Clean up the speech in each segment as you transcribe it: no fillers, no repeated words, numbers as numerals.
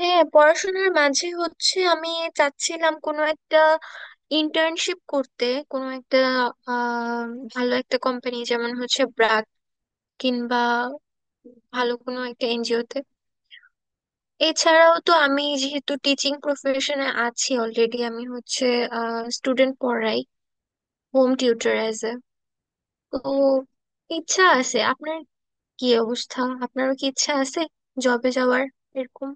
হ্যাঁ, পড়াশোনার মাঝে হচ্ছে আমি চাচ্ছিলাম কোনো একটা ইন্টার্নশিপ করতে, কোনো একটা আহ ভালো একটা কোম্পানি, যেমন হচ্ছে ব্র্যাক, কিংবা ভালো কোনো একটা এনজিওতে। এছাড়াও তো আমি যেহেতু টিচিং প্রফেশনে আছি অলরেডি, আমি হচ্ছে স্টুডেন্ট পড়াই, হোম টিউটর অ্যাজ এ। তো ইচ্ছা আছে আপনার? কি অবস্থা? আপনারও কি ইচ্ছা আছে জবে যাওয়ার এরকম?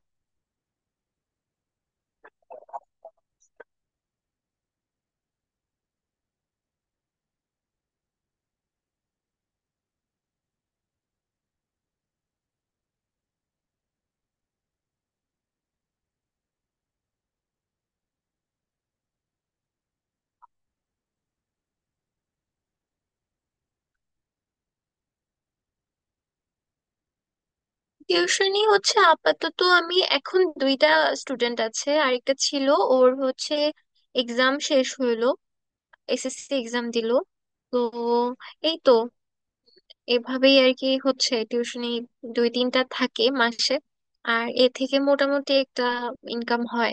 টিউশনি হচ্ছে আপাতত আমি এখন 2টা স্টুডেন্ট আছে, আরেকটা ছিল, ওর হচ্ছে এক্সাম শেষ হইলো, এসএসসি এক্সাম দিলো। তো এই তো এভাবেই আর কি হচ্ছে টিউশনি 2-3টা থাকে মাসে, আর এ থেকে মোটামুটি একটা ইনকাম হয়।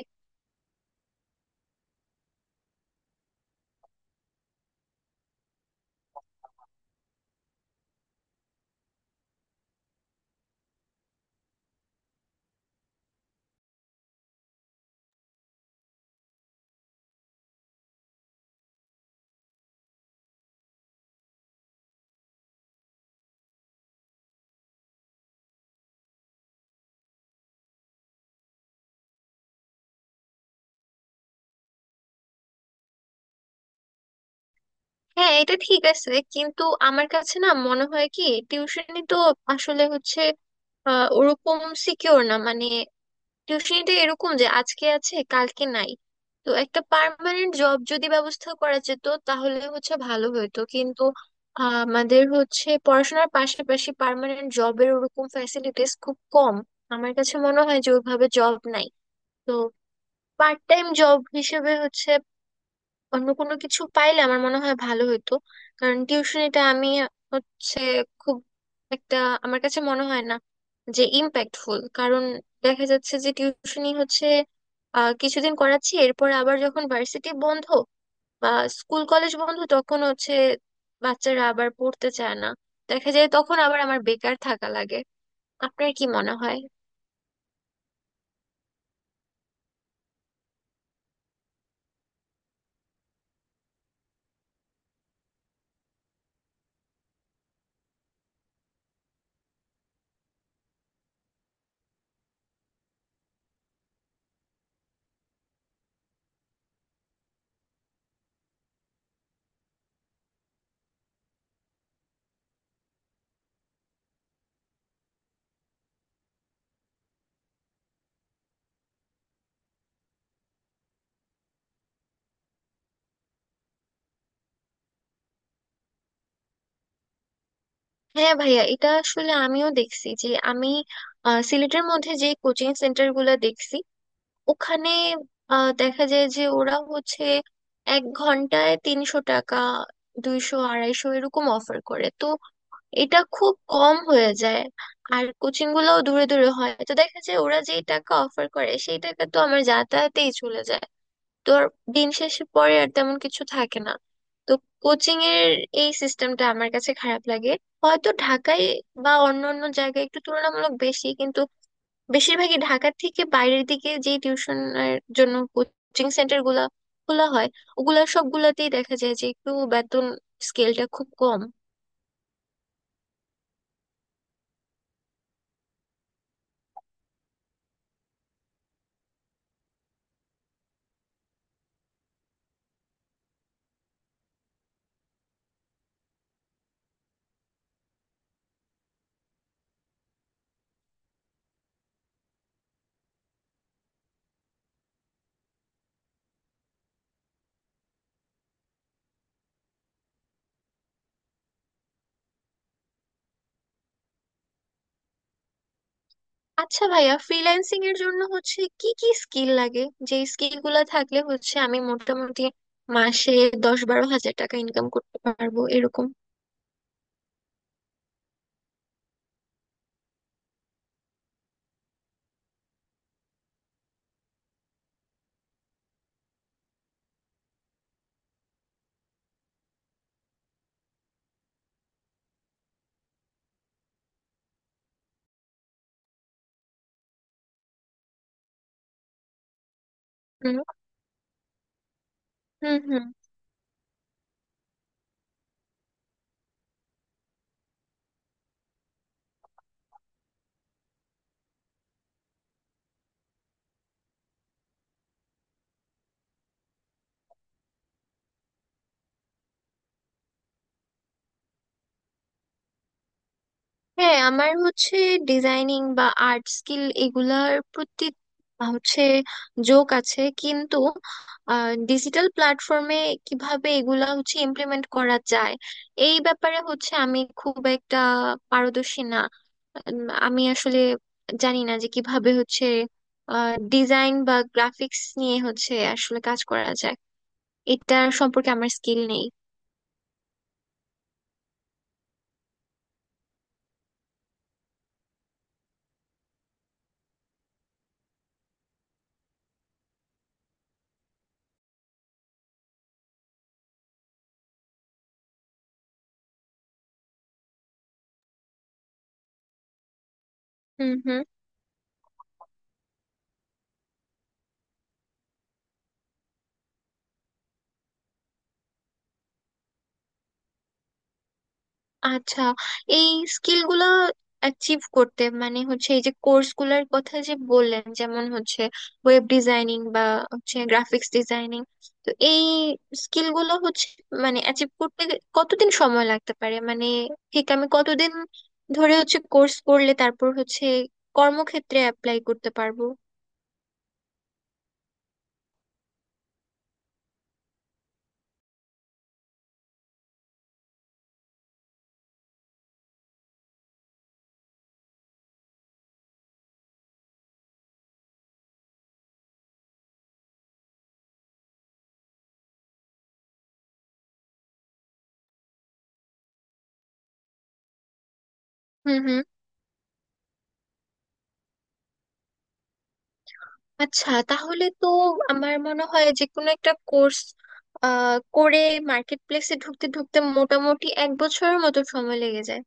হ্যাঁ, এটা ঠিক আছে, কিন্তু আমার কাছে না মনে হয় কি, টিউশনি তো আসলে হচ্ছে ওরকম সিকিউর না, মানে টিউশনিটা এরকম যে আজকে আছে কালকে নাই। তো একটা পার্মানেন্ট জব যদি ব্যবস্থা করা যেত তাহলে হচ্ছে ভালো হতো, কিন্তু আমাদের হচ্ছে পড়াশোনার পাশাপাশি পার্মানেন্ট জবের ওরকম ফ্যাসিলিটিস খুব কম। আমার কাছে মনে হয় যে ওইভাবে জব নাই। তো পার্ট টাইম জব হিসেবে হচ্ছে অন্য কোনো কিছু পাইলে আমার মনে হয় ভালো হতো। কারণ টিউশনিটা আমি হচ্ছে খুব একটা, আমার কাছে মনে হয় না যে ইম্প্যাক্টফুল, কারণ দেখা যাচ্ছে যে টিউশনি হচ্ছে কিছুদিন করাচ্ছি, এরপর আবার যখন ভার্সিটি বন্ধ বা স্কুল কলেজ বন্ধ, তখন হচ্ছে বাচ্চারা আবার পড়তে চায় না, দেখা যায় তখন আবার আমার বেকার থাকা লাগে। আপনার কি মনে হয়? হ্যাঁ ভাইয়া, এটা আসলে আমিও দেখছি যে আমি সিলেটের মধ্যে যে কোচিং সেন্টার গুলা দেখছি ওখানে, দেখা যায় যে ওরা হচ্ছে 1 ঘন্টায় 300 টাকা, 200 250 এরকম অফার করে। তো এটা খুব কম হয়ে যায়, আর কোচিং গুলোও দূরে দূরে হয়, তো দেখা যায় ওরা যেই টাকা অফার করে সেই টাকা তো আমার যাতায়াতেই চলে যায়। তো আর দিন শেষে পরে আর তেমন কিছু থাকে না। তো কোচিং এর এই সিস্টেমটা আমার কাছে খারাপ লাগে। হয়তো ঢাকায় বা অন্য অন্য জায়গায় একটু তুলনামূলক বেশি, কিন্তু বেশিরভাগই ঢাকার থেকে বাইরের দিকে যে টিউশনের জন্য কোচিং সেন্টার গুলা খোলা হয়, ওগুলা সবগুলাতেই দেখা যায় যে একটু বেতন স্কেলটা খুব কম। আচ্ছা ভাইয়া, ফ্রিল্যান্সিং এর জন্য হচ্ছে কি কি স্কিল লাগে, যে স্কিল গুলা থাকলে হচ্ছে আমি মোটামুটি মাসে 10-12 হাজার টাকা ইনকাম করতে পারবো এরকম? হুম, হুম, হুম। হ্যাঁ, আমার হচ্ছে ডিজাইনিং বা আর্ট স্কিল এগুলার প্রতি হচ্ছে ঝোঁক আছে, কিন্তু ডিজিটাল প্ল্যাটফর্মে কিভাবে এগুলা হচ্ছে ইমপ্লিমেন্ট করা যায় এই ব্যাপারে হচ্ছে আমি খুব একটা পারদর্শী না। আমি আসলে জানি না যে কিভাবে হচ্ছে ডিজাইন বা গ্রাফিক্স নিয়ে হচ্ছে আসলে কাজ করা যায়, এটার সম্পর্কে আমার স্কিল নেই। হুম, হুম। আচ্ছা, এই স্কিল গুলা অ্যাচিভ করতে, মানে হচ্ছে এই যে কোর্স গুলার কথা যে বললেন, যেমন হচ্ছে ওয়েব ডিজাইনিং বা হচ্ছে গ্রাফিক্স ডিজাইনিং, তো এই স্কিল গুলো হচ্ছে মানে অ্যাচিভ করতে কতদিন সময় লাগতে পারে? মানে ঠিক আমি কতদিন ধরে হচ্ছে কোর্স করলে তারপর হচ্ছে কর্মক্ষেত্রে অ্যাপ্লাই করতে পারবো? হুম, হুম। আচ্ছা, তাহলে তো আমার মনে হয় যে কোনো একটা কোর্স করে মার্কেট প্লেসে ঢুকতে ঢুকতে মোটামুটি 1 বছরের মতো সময় লেগে যায়।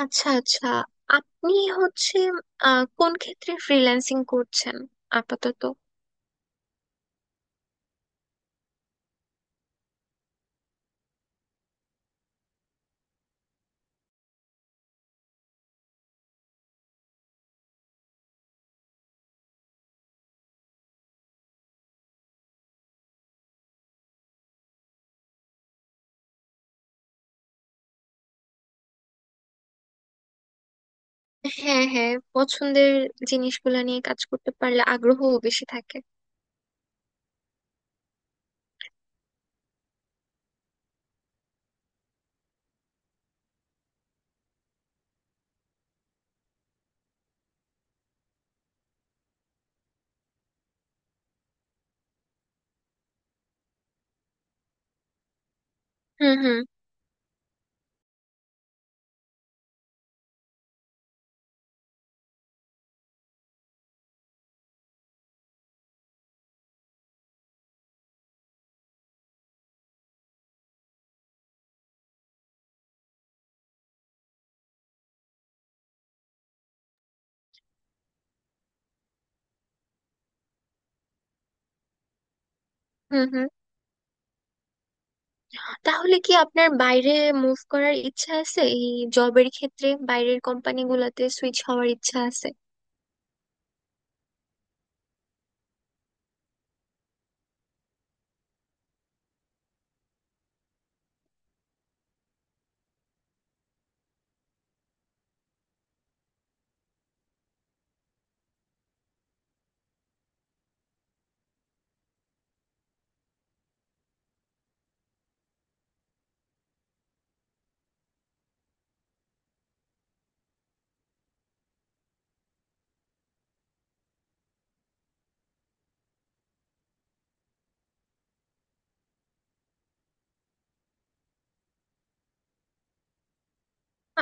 আচ্ছা, আচ্ছা। আপনি হচ্ছে কোন ক্ষেত্রে ফ্রিল্যান্সিং করছেন আপাতত? হ্যাঁ, হ্যাঁ, পছন্দের জিনিসগুলা নিয়ে কাজ করতে পারলে আগ্রহও বেশি থাকে। হুম, হুম। হুম, হুম। তাহলে কি আপনার বাইরে মুভ করার ইচ্ছা আছে? এই জবের ক্ষেত্রে বাইরের কোম্পানিগুলোতে সুইচ হওয়ার ইচ্ছা আছে?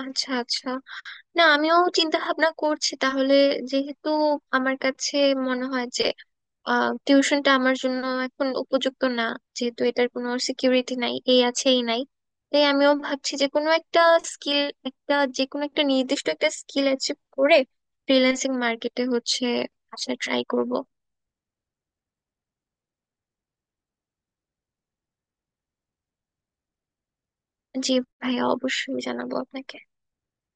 আচ্ছা, আচ্ছা। না, আমিও চিন্তা ভাবনা করছি তাহলে, যেহেতু আমার কাছে মনে হয় যে টিউশনটা আমার জন্য এখন উপযুক্ত না, যেহেতু এটার কোনো সিকিউরিটি নাই, এই আছে এই নাই, তাই আমিও ভাবছি যে কোনো একটা স্কিল, একটা যে কোনো একটা নির্দিষ্ট একটা স্কিল অ্যাচিভ করে ফ্রিল্যান্সিং মার্কেটে হচ্ছে, আচ্ছা ট্রাই করব। জি ভাইয়া, অবশ্যই জানাবো আপনাকে।